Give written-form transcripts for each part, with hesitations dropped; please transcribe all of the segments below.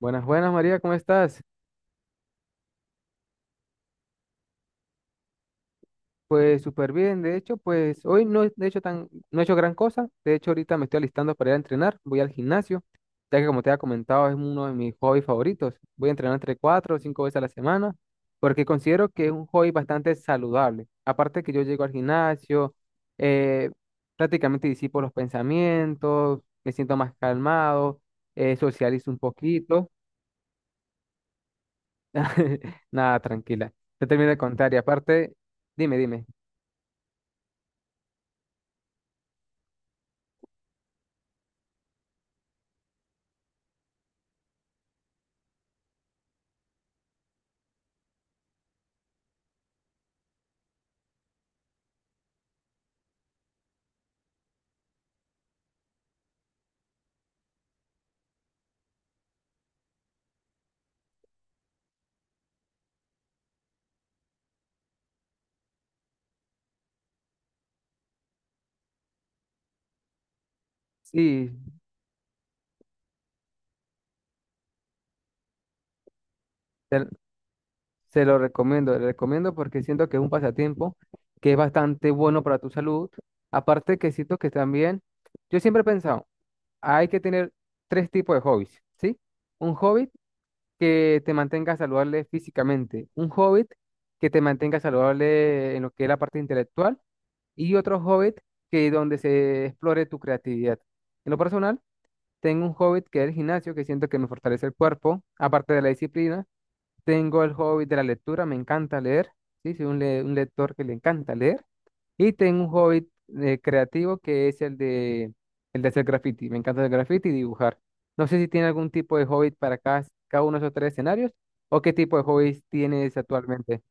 Buenas, buenas María, ¿cómo estás? Pues súper bien, de hecho, pues hoy no he de hecho tan, no he hecho gran cosa, de hecho ahorita me estoy alistando para ir a entrenar, voy al gimnasio, ya que como te había comentado es uno de mis hobbies favoritos, voy a entrenar entre cuatro o cinco veces a la semana, porque considero que es un hobby bastante saludable, aparte que yo llego al gimnasio, eh, prácticamente disipo los pensamientos, me siento más calmado, socializo un poquito. Nada, tranquila, te termino de contar y aparte, dime, dime. Sí, te- se lo recomiendo, le recomiendo porque siento que es un pasatiempo que es bastante bueno para tu salud. Aparte que siento que también, yo siempre he pensado, hay que tener tres tipos de hobbies, ¿sí? Un hobby que te mantenga saludable físicamente, un hobby que te mantenga saludable en lo que es la parte intelectual y otro hobby que donde se explore tu creatividad. En lo personal, tengo un hobby que es el gimnasio, que siento que me fortalece el cuerpo, aparte de la disciplina. Tengo el hobby de la lectura, me encanta leer. Sí, soy un, un lector que le encanta leer. Y tengo un hobby creativo que es el de hacer graffiti. Me encanta hacer graffiti y dibujar. No sé si tiene algún tipo de hobby para cada uno de esos tres escenarios o qué tipo de hobbies tienes actualmente.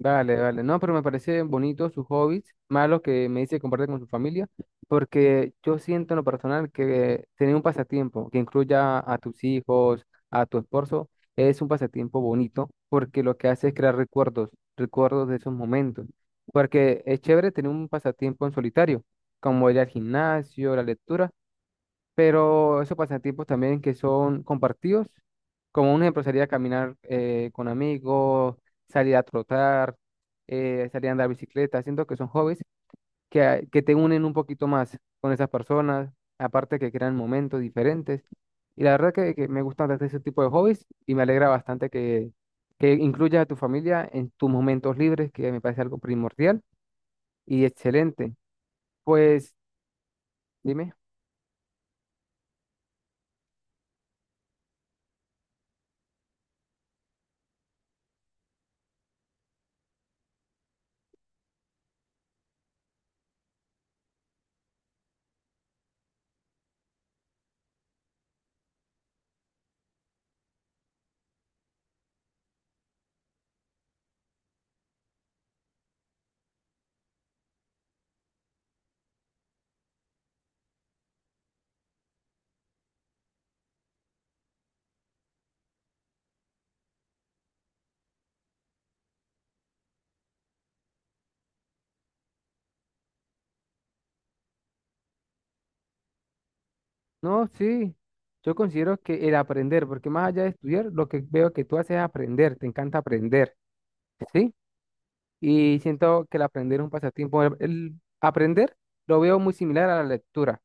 Vale, vale. No, pero me parece bonito sus hobbies, más que me dice que comparte con su familia, porque yo siento en lo personal que tener un pasatiempo que incluya a tus hijos, a tu esposo, es un pasatiempo bonito, porque lo que hace es crear recuerdos, recuerdos de esos momentos. Porque es chévere tener un pasatiempo en solitario, como ir al gimnasio, la lectura, pero esos pasatiempos también que son compartidos, como un ejemplo sería caminar con amigos, salir a trotar, salir a andar bicicleta, siento que son hobbies que, que te unen un poquito más con esas personas, aparte que crean momentos diferentes. Y la verdad que me gusta bastante ese tipo de hobbies y me alegra bastante que incluyas a tu familia en tus momentos libres, que me parece algo primordial y excelente. Pues dime. No, sí, yo considero que el aprender, porque más allá de estudiar, lo que veo que tú haces es aprender, te encanta aprender, ¿sí? Y siento que el aprender es un pasatiempo. El aprender lo veo muy similar a la lectura.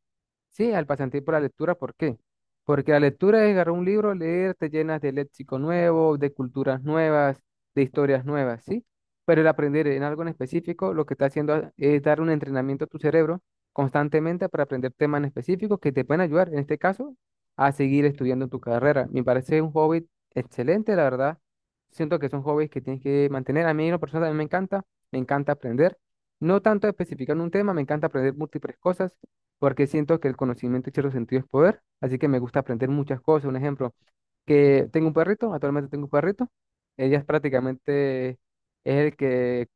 Sí, al pasatiempo de la lectura, ¿por qué? Porque la lectura es agarrar un libro, leer, te llenas de léxico nuevo, de culturas nuevas, de historias nuevas, ¿sí? Pero el aprender en algo en específico, lo que está haciendo es dar un entrenamiento a tu cerebro constantemente para aprender temas en específicos que te pueden ayudar, en este caso, a seguir estudiando tu carrera. Me parece un hobby excelente, la verdad. Siento que son hobbies que tienes que mantener. A mí, en lo personal, también me encanta. Me encanta aprender. No tanto especificar en un tema, me encanta aprender múltiples cosas, porque siento que el conocimiento en cierto sentido es poder. Así que me gusta aprender muchas cosas. Un ejemplo, que tengo un perrito, actualmente tengo un perrito. Ella es prácticamente Es el que,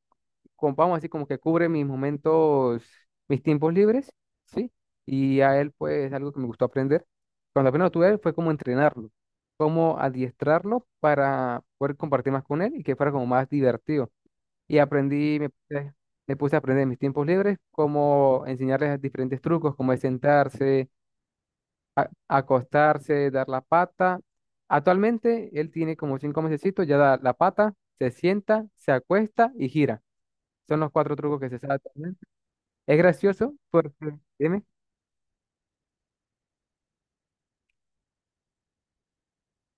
como, vamos a decir, como que cubre mis momentos, mis tiempos libres, ¿sí? Y a él, pues, es algo que me gustó aprender. Cuando apenas lo tuve, fue como entrenarlo, como adiestrarlo para poder compartir más con él y que fuera como más divertido. Y aprendí, me puse a aprender en mis tiempos libres, como enseñarles diferentes trucos, como de sentarse, acostarse, dar la pata. Actualmente, él tiene como 5 mesecitos, ya da la pata, se sienta, se acuesta y gira. Son los cuatro trucos que se sabe. Es gracioso porque, dime,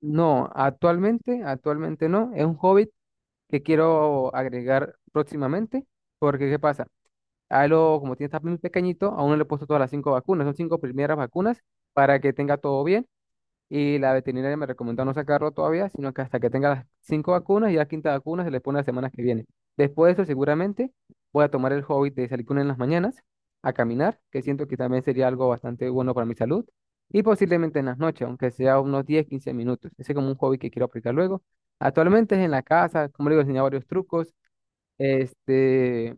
no, actualmente no, es un hobby que quiero agregar próximamente, porque ¿qué pasa? A lo, como tiene está muy pequeñito, a uno le he puesto todas las cinco vacunas, son cinco primeras vacunas para que tenga todo bien. Y la veterinaria me recomendó no sacarlo todavía, sino que hasta que tenga las cinco vacunas y la quinta vacuna se le pone la semana que viene. Después de eso, seguramente voy a tomar el hobby de salir con él en las mañanas a caminar, que siento que también sería algo bastante bueno para mi salud. Y posiblemente en las noches, aunque sea unos 10 15 minutos. Ese es como un hobby que quiero aplicar luego. Actualmente es en la casa, como le digo, enseñar varios trucos. Este,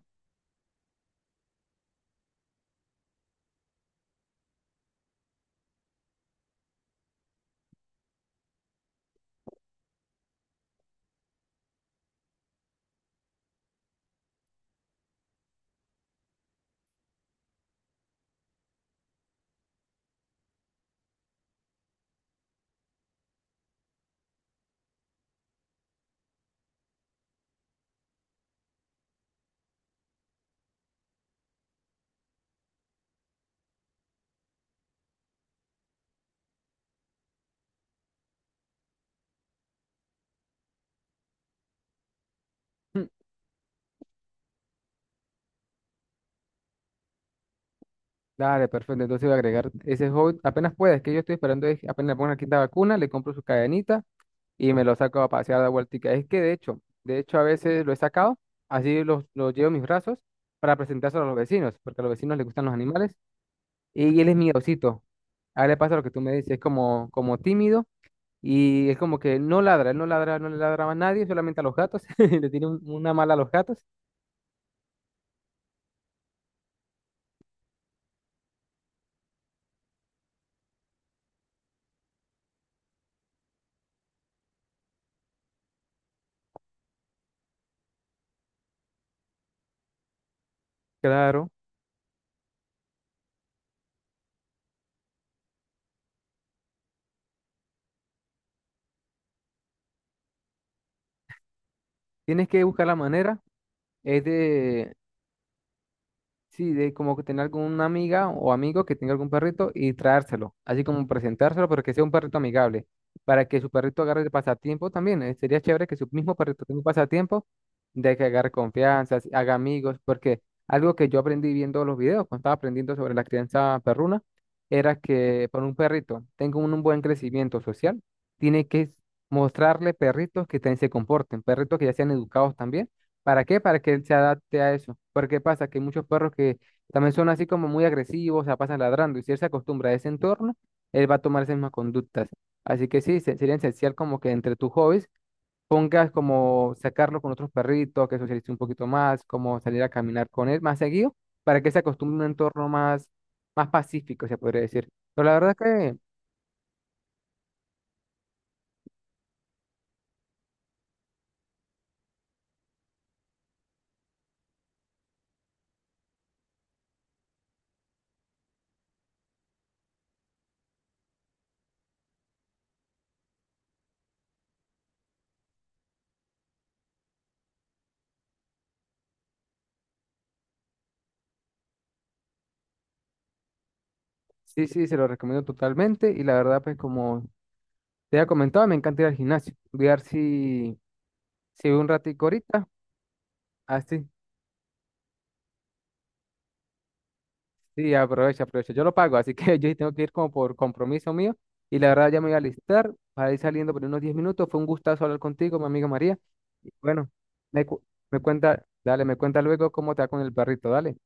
dale, perfecto. Entonces voy a agregar ese hobby apenas pueda. Es que yo estoy esperando, es que apenas le pongan la quinta vacuna, le compro su cadenita y me lo saco a pasear de vueltica. Es que de hecho a veces lo he sacado, así los lo llevo en mis brazos para presentárselo a los vecinos, porque a los vecinos les gustan los animales y él es miedosito. A él le pasa lo que tú me dices, es como, como tímido y es como que no ladra, él no ladra, no le ladra a nadie, solamente a los gatos, le tiene una mala a los gatos. Claro, tienes que buscar la manera, es de. Sí, de como que tener alguna amiga o amigo que tenga algún perrito y traérselo, así como presentárselo, pero que sea un perrito amigable, para que su perrito agarre el pasatiempo también. Sería chévere que su mismo perrito tenga un pasatiempo de que agarre confianza, así, haga amigos, porque algo que yo aprendí viendo los videos, cuando estaba aprendiendo sobre la crianza perruna, era que para un perrito tenga un buen crecimiento social, tiene que mostrarle perritos que también se comporten, perritos que ya sean educados también. ¿Para qué? Para que él se adapte a eso. Porque pasa que hay muchos perros que también son así como muy agresivos, se sea, pasan ladrando. Y si él se acostumbra a ese entorno, él va a tomar esas mismas conductas. Así que sí, sería esencial como que entre tus hobbies pongas como sacarlo con otros perritos, que socialice un poquito más, como salir a caminar con él más seguido, para que se acostumbre a un entorno más, más pacífico, se podría decir. Pero la verdad que sí, sí, se lo recomiendo totalmente. Y la verdad, pues como te había comentado, me encanta ir al gimnasio. Voy a ver si... Si voy un ratico ahorita. Ah, sí, sí, aprovecha, aprovecha. Yo lo pago, así que yo sí tengo que ir como por compromiso mío. Y la verdad ya me voy a alistar para ir saliendo por unos 10 minutos. Fue un gustazo hablar contigo, mi amiga María. Y bueno, me, cu- me cuenta, dale, me cuenta luego cómo te va con el perrito, dale.